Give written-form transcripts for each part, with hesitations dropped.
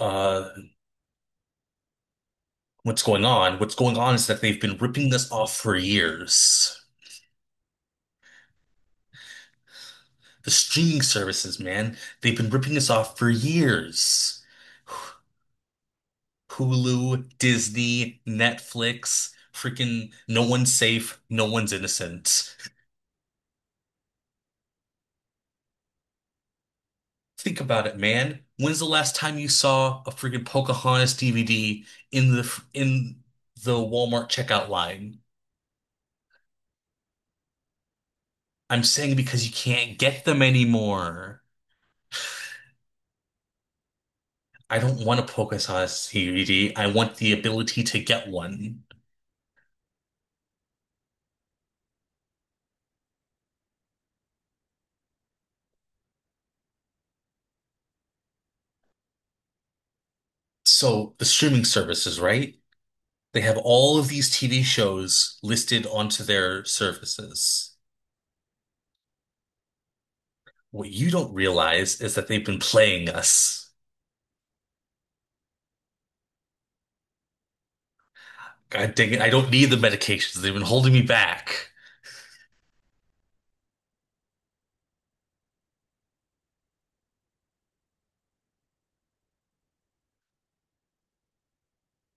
uh, what's going on? What's going on is that they've been ripping us off for years. The streaming services, man, they've been ripping us off for years. Hulu, Disney, Netflix, freaking no one's safe, no one's innocent. Think about it, man. When's the last time you saw a freaking Pocahontas DVD in the Walmart checkout line? I'm saying because you can't get them anymore. I don't want to focus on a PokéSauce CBD. I want the ability to get one. So the streaming services, right? They have all of these TV shows listed onto their services. What you don't realize is that they've been playing us. God dang it, I don't need the medications. They've been holding me back.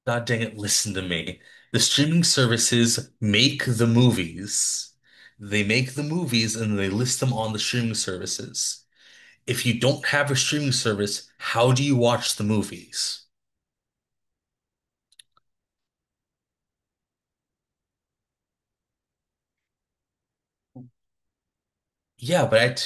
God dang it, listen to me. The streaming services make the movies. They make the movies and they list them on the streaming services. If you don't have a streaming service, how do you watch the movies? Yeah, but I t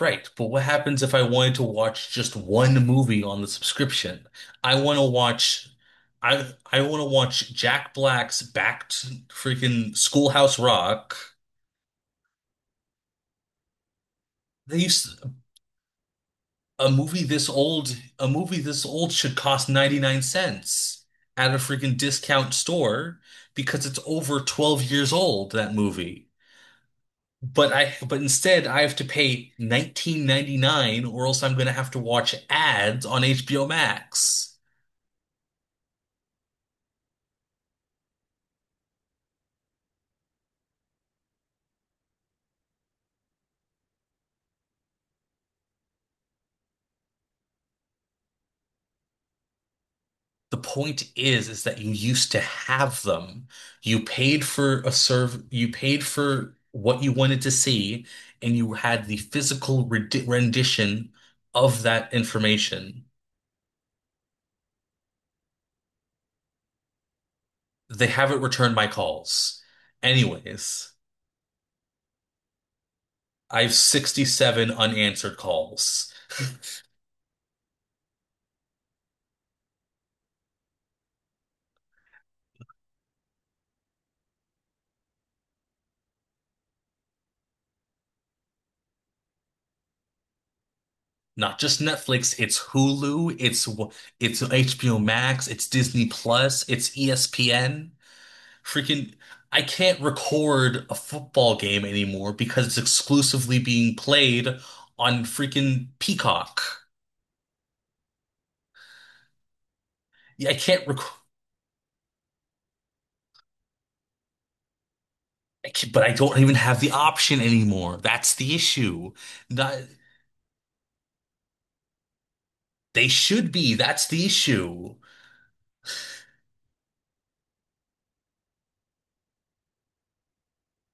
right. But what happens if I wanted to watch just one movie on the subscription? I want to watch. I want to watch Jack Black's Back to freaking Schoolhouse Rock. They used A movie this old, a movie this old should cost 99¢ at a freaking discount store because it's over 12 years old, that movie. But instead I have to pay 19.99 or else I'm going to have to watch ads on HBO Max. The point is that you used to have them. You paid for a serve, you paid for what you wanted to see, and you had the physical rendition of that information. They haven't returned my calls. Anyways, I have 67 unanswered calls. Not just Netflix, it's Hulu, it's HBO Max, it's Disney Plus, it's ESPN. Freaking, I can't record a football game anymore because it's exclusively being played on freaking Peacock. Yeah, I can't record, I can't, But I don't even have the option anymore. That's the issue. That They should be. That's the issue.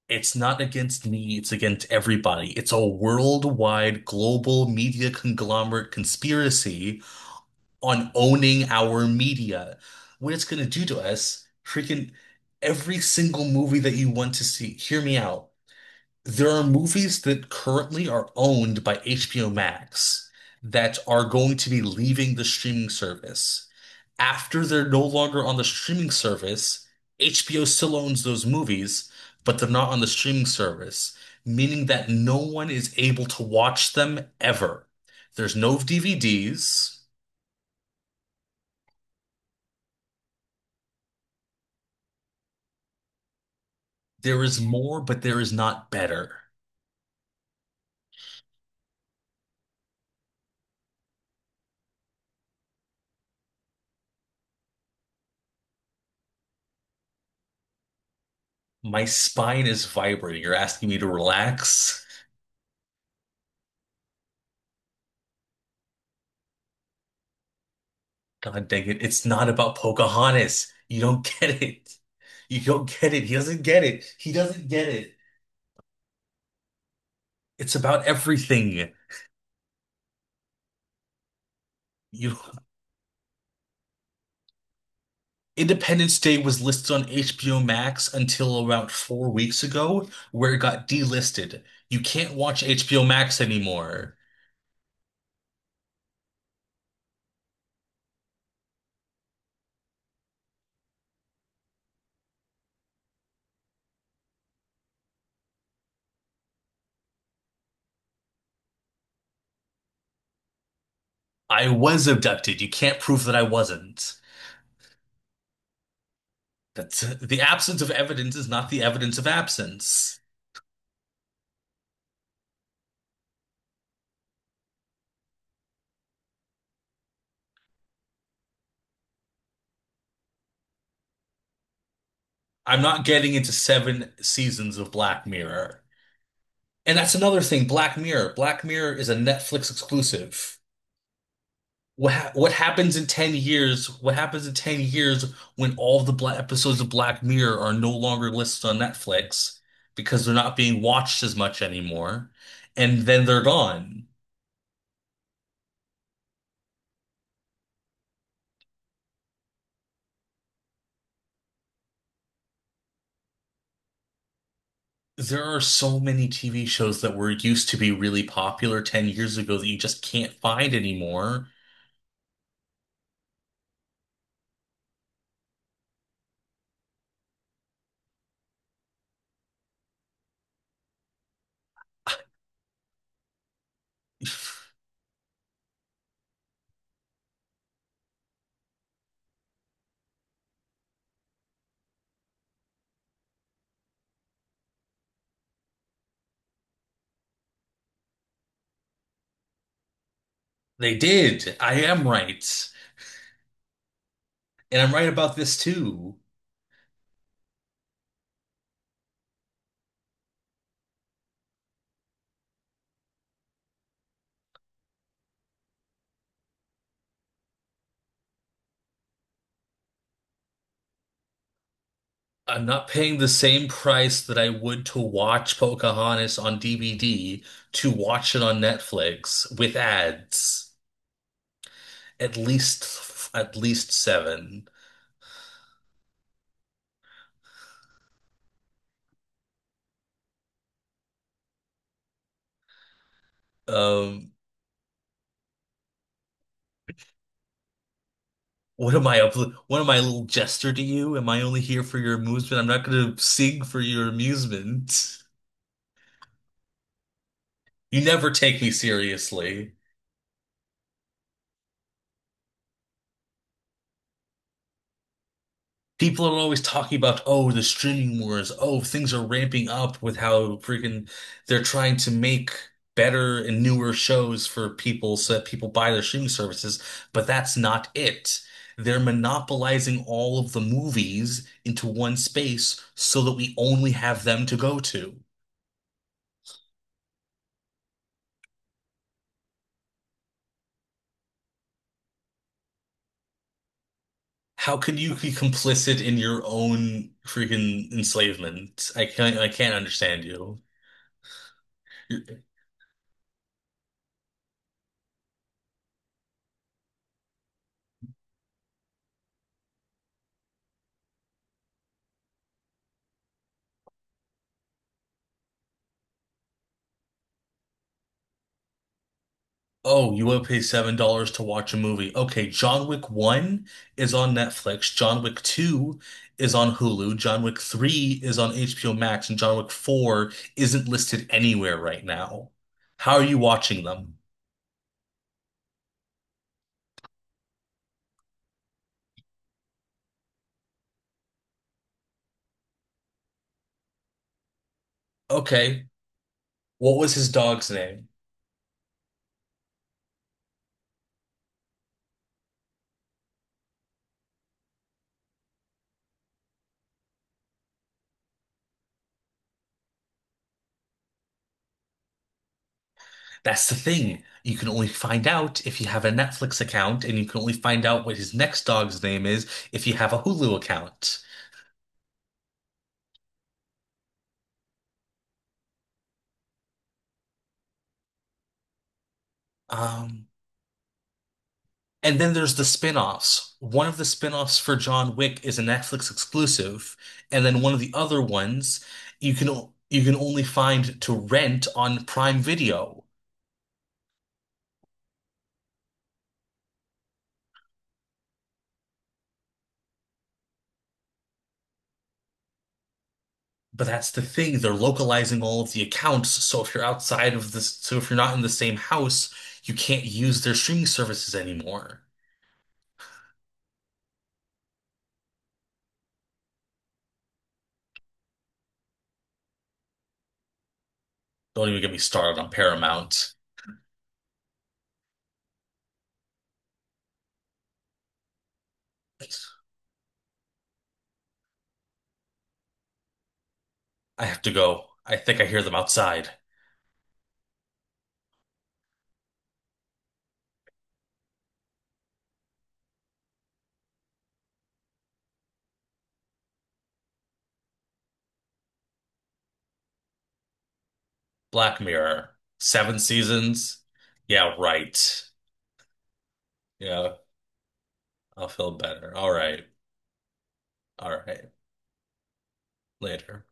It's not against me, it's against everybody. It's a worldwide global media conglomerate conspiracy on owning our media. What it's gonna do to us, freaking every single movie that you want to see. Hear me out. There are movies that currently are owned by HBO Max that are going to be leaving the streaming service. After they're no longer on the streaming service, HBO still owns those movies, but they're not on the streaming service, meaning that no one is able to watch them ever. There's no DVDs. There is more, but there is not better. My spine is vibrating. You're asking me to relax? God dang it. It's not about Pocahontas. You don't get it. You don't get it. He doesn't get it. He doesn't get it. It's about everything. You Independence Day was listed on HBO Max until about 4 weeks ago, where it got delisted. You can't watch HBO Max anymore. I was abducted. You can't prove that I wasn't. That's the absence of evidence is not the evidence of absence. I'm not getting into seven seasons of Black Mirror. And that's another thing, Black Mirror. Black Mirror is a Netflix exclusive. What happens in 10 years? What happens in 10 years when all the black episodes of Black Mirror are no longer listed on Netflix because they're not being watched as much anymore, and then they're gone. There are so many TV shows that were used to be really popular 10 years ago that you just can't find anymore. They did. I am right. And I'm right about this too. I'm not paying the same price that I would to watch Pocahontas on DVD to watch it on Netflix with ads. At least seven. Um, what am I up? What am I, a little jester to you? Am I only here for your amusement? I'm not going to sing for your amusement. You never take me seriously. People are always talking about, oh, the streaming wars. Oh, things are ramping up with how freaking they're trying to make better and newer shows for people so that people buy their streaming services. But that's not it. They're monopolizing all of the movies into one space so that we only have them to go to. How can you be complicit in your own freaking enslavement? I can't understand you. Oh, you would pay $7 to watch a movie. Okay, John Wick 1 is on Netflix, John Wick 2 is on Hulu, John Wick 3 is on HBO Max, and John Wick 4 isn't listed anywhere right now. How are you watching them? Okay, what was his dog's name? That's the thing. You can only find out if you have a Netflix account, and you can only find out what his next dog's name is if you have a Hulu account. Um, And then there's the spin-offs. One of the spin-offs for John Wick is a Netflix exclusive, and then one of the other ones you can only find to rent on Prime Video. But that's the thing, they're localizing all of the accounts, so if you're outside of this, so if you're not in the same house, you can't use their streaming services anymore. Don't even get me started on Paramount. I have to go. I think I hear them outside. Black Mirror, seven seasons. Yeah, right. Yeah. I'll feel better. All right. All right. Later.